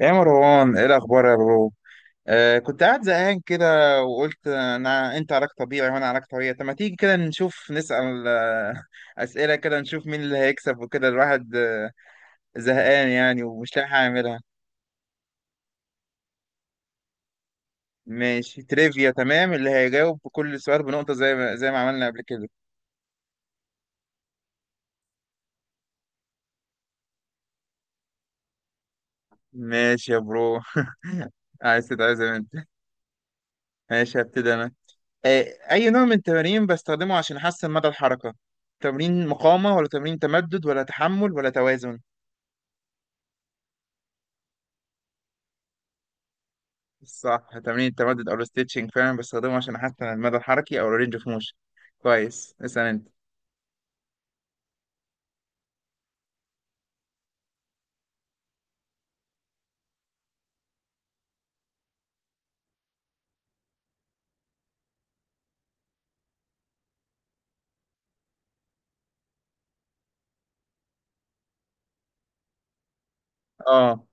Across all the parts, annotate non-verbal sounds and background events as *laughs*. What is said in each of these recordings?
يا مروان ايه الاخبار يا برو؟ آه، كنت قاعد زهقان كده وقلت انا انت علاج طبيعي وانا علاج طبيعي، طب ما تيجي كده نشوف نسأل *laughs* اسئله كده نشوف مين اللي هيكسب وكده الواحد زهقان يعني ومش لاقي حاجه يعملها. ماشي تريفيا، تمام، اللي هيجاوب بكل سؤال بنقطه زي ما زي ما عملنا قبل كده. ماشي يا برو *laughs* عايز تتعزم انت؟ ماشي هبتدي انا. آه، اي نوع من التمارين بستخدمه عشان احسن مدى الحركه؟ تمرين مقاومه ولا تمرين تمدد ولا تحمل ولا توازن؟ صح، تمرين التمدد او الستيتشنج فعلا بستخدمه عشان احسن المدى الحركي او الرينج اوف موشن. كويس، اسال انت. اه.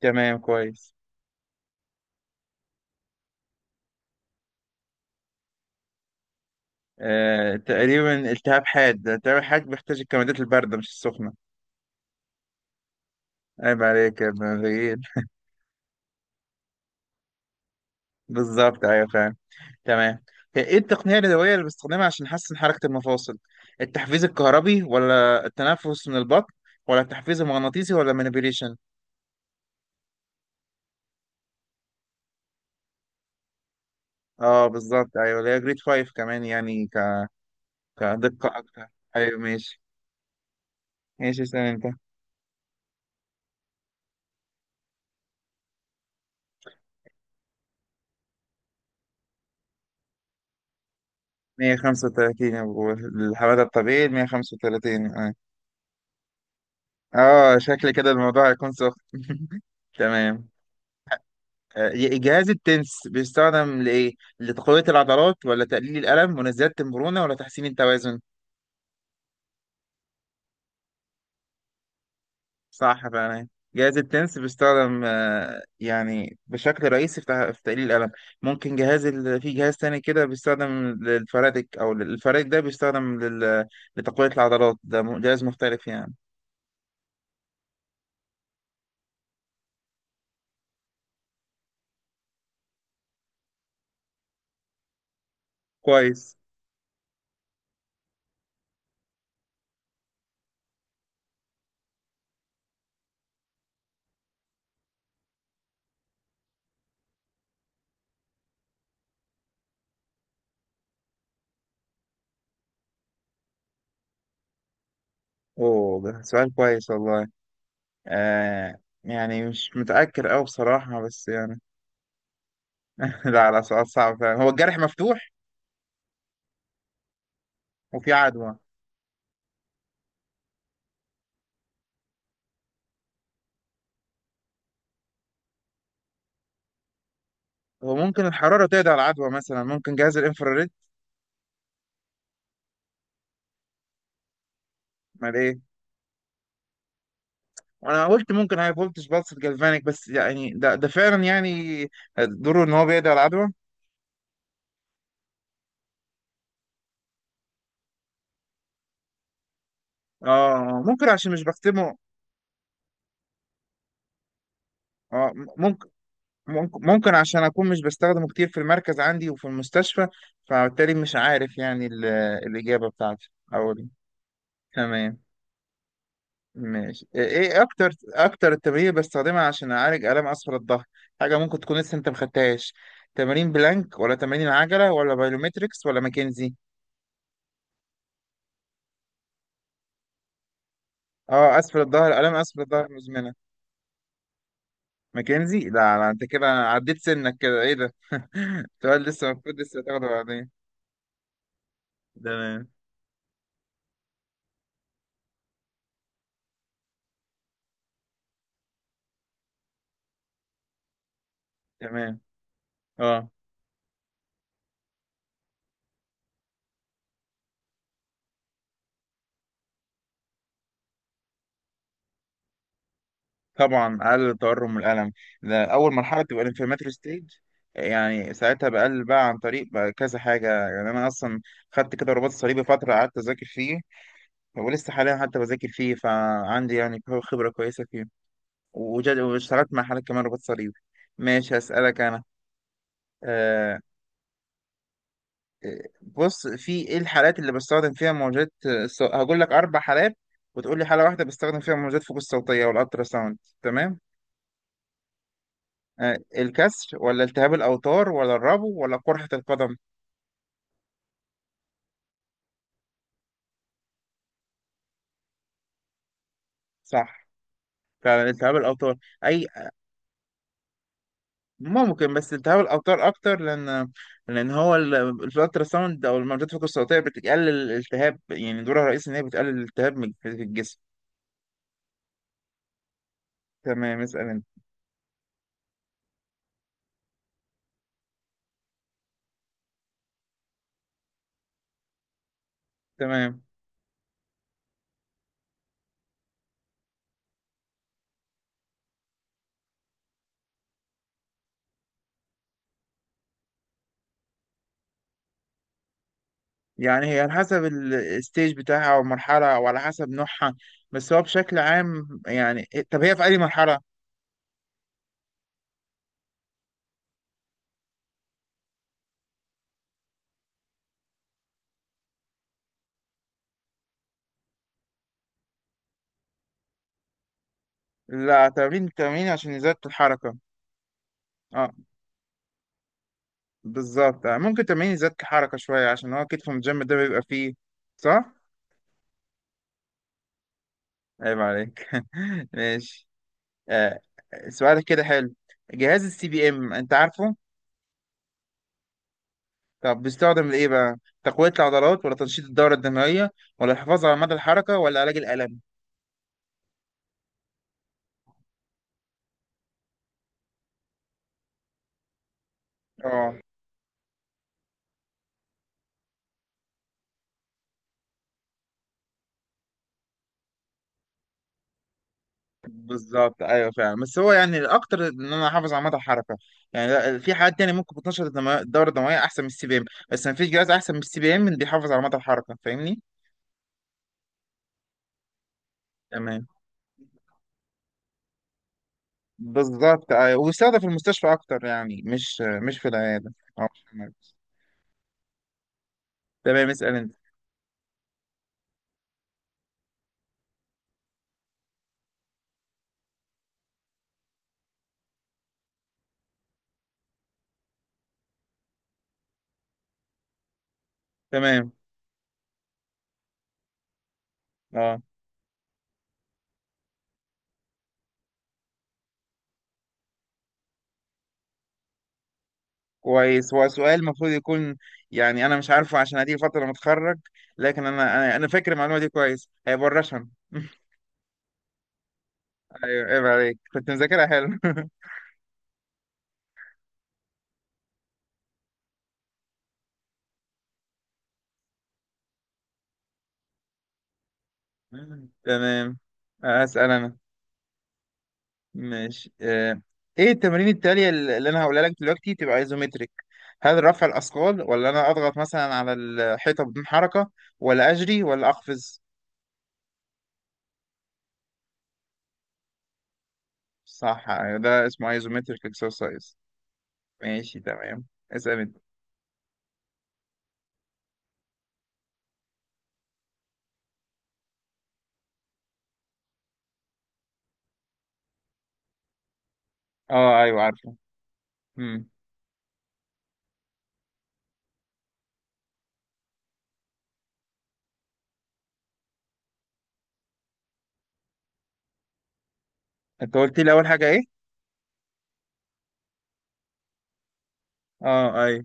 تمام، كويس. تقريبا التهاب حاد، التهاب الحاد بيحتاج الكمادات البارده مش السخنه. عيب عليك يا ابن الغيين. *laughs* بالظبط، ايوه فعلا. تمام. هي ايه التقنيه اليدويه اللي بستخدمها عشان احسن حركه المفاصل؟ التحفيز الكهربي ولا التنفس من البطن ولا التحفيز المغناطيسي ولا المانيبيوليشن؟ اه بالظبط، ايوه، اللي هي جريد 5 كمان، يعني كدقه اكتر. ايوه ماشي. ماشي اسلم انت. 135 يا ابو الحمادة، الطبيعي 135. اه. اه، شكل كده الموضوع هيكون سخن. *laughs* تمام. آه، جهاز التنس بيستخدم لإيه؟ لتقوية العضلات ولا تقليل الألم ولا زيادة المرونة ولا تحسين التوازن؟ صح فعلا، جهاز التنس بيستخدم يعني بشكل رئيسي في في تقليل الألم. ممكن في جهاز تاني كده بيستخدم للفرادك، الفرادك ده بيستخدم لتقوية العضلات، ده جهاز مختلف يعني. كويس. اوه، ده سؤال كويس والله. آه، يعني مش متأكد أوي بصراحة بس يعني. *laughs* لا، سؤال صعب فعلا. هو الجرح مفتوح وفي عدوى. هو ممكن الحرارة تقضي على العدوى مثلا؟ ممكن جهاز الانفراريد. امال ايه؟ وانا قلت ممكن هاي فولتج بالس جالفانيك، بس يعني ده فعلا يعني دوره ان هو بيقضي على العدوى. اه ممكن، عشان مش بختمه. اه ممكن. ممكن عشان اكون مش بستخدمه كتير في المركز عندي وفي المستشفى، فبالتالي مش عارف يعني الإجابة بتاعتي أو. تمام. ماشي. ايه اكتر التمارين اللي بستخدمها عشان اعالج الام اسفل الظهر؟ حاجه ممكن تكون لسه انت مخدتهاش. تمارين بلانك ولا تمارين العجله ولا بايلومتريكس ولا ماكنزي؟ اه اسفل الظهر، الام اسفل الظهر مزمنه. ماكنزي؟ لا، انت كده عديت سنك كده، ايه ده؟ *laughs* سؤال لسه المفروض لسه تاخده بعدين. تمام. تمام. اه طبعا، اقل التورم والالم. ده اول مرحله بتبقى الانفلاماتوري ستيج. يعني ساعتها بقلل بقى عن طريق بقى كذا حاجه، يعني انا اصلا خدت كده رباط صليبي، فتره قعدت اذاكر فيه، ولسه حاليا حتى بذاكر فيه، فعندي يعني خبره كويسه فيه. واشتغلت مع حالات كمان رباط صليبي. ماشي هسألك انا. آه، بص، في ايه الحالات اللي بستخدم فيها هقول لك اربع حالات وتقول لي حاله واحده بستخدم فيها موجات فوق الصوتيه والالترا ساوند. تمام. آه، الكسر ولا التهاب الأوتار ولا الربو ولا قرحة القدم؟ صح، فعلا التهاب الأوتار. أي، ممكن، بس التهاب الأوتار أكتر لأن. لأن هو الالترا ساوند أو الموجات الفوق الصوتية بتقلل الالتهاب، يعني دورها الرئيسي إن هي بتقلل الالتهاب في الجسم. تمام، اسأل أنت. تمام. يعني هي على حسب الستيج بتاعها أو المرحلة أو على حسب نوعها، بس هو بشكل عام يعني، طب هي في أي مرحلة؟ لا، تمرين عشان إزالة الحركة. اه بالظبط. آه، ممكن تمرين الذات كحركة شوية عشان هو كتف الجيم ده بيبقى فيه. صح؟ عيب عليك. *laughs* ماشي. آه. سؤالك كده حلو. جهاز السي بي ام انت عارفه؟ طب بيستخدم لإيه بقى؟ تقوية العضلات ولا تنشيط الدورة الدموية ولا الحفاظ على مدى الحركة ولا علاج الألم؟ اه بالظبط، ايوه فعلا، بس هو يعني الاكتر ان انا احافظ على مدى الحركه. يعني لا، في حاجات تانية ممكن الدوره الدمويه احسن من السي بي ام. بس مفيش جهاز احسن من السي بي ام بيحافظ على مدى الحركه، فاهمني؟ تمام. بالظبط، أيوة، ويستخدم في المستشفى أكتر، يعني مش في العيادة أو مش في المركز. تمام، اسأل أنت. تمام. أه، كويس. هو سؤال المفروض يكون، يعني أنا مش عارفه عشان هدي فترة متخرج، لكن أنا أنا فاكر المعلومة دي كويس. هيبقى الرشن. *laughs* أيوه، عيب عليك، كنت مذاكرها حلو. *laughs* تمام. أسأل أنا. ماشي. آه. ايه التمارين التالية اللي انا هقولها لك دلوقتي تبقى ايزومتريك؟ هل رفع الاثقال ولا انا اضغط مثلا على الحيطة بدون حركة ولا اجري ولا اقفز؟ صح، يعني ده اسمه ايزومتريك اكسرسايز. ماشي، تمام. اسال انت. اه ايوه عارفه. امم. انت قلت لي اول حاجة ايه؟ اه ايوه.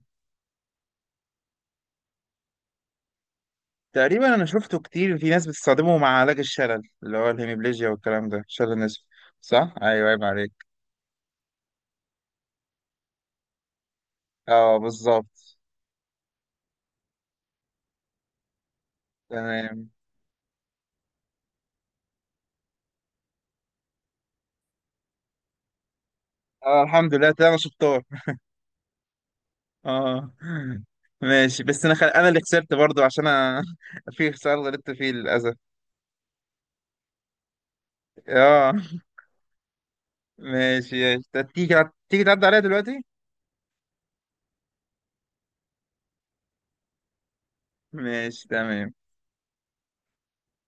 تقريبا انا شفته كتير في ناس بتستخدمه مع علاج الشلل اللي هو الهيميبليجيا والكلام ده، شلل النسف. صح ايوه، عيب عليك. اه بالظبط. تمام. اه الحمد لله، ده انا شطار. اه ماشي، بس انا انا اللي خسرت برضو عشان أنا. *laughs* في خسارة غلطت فيه للاسف. اه ماشي، ماشي. طب تيجي، تيجي تعدي عليا دلوقتي. ماشي تمام.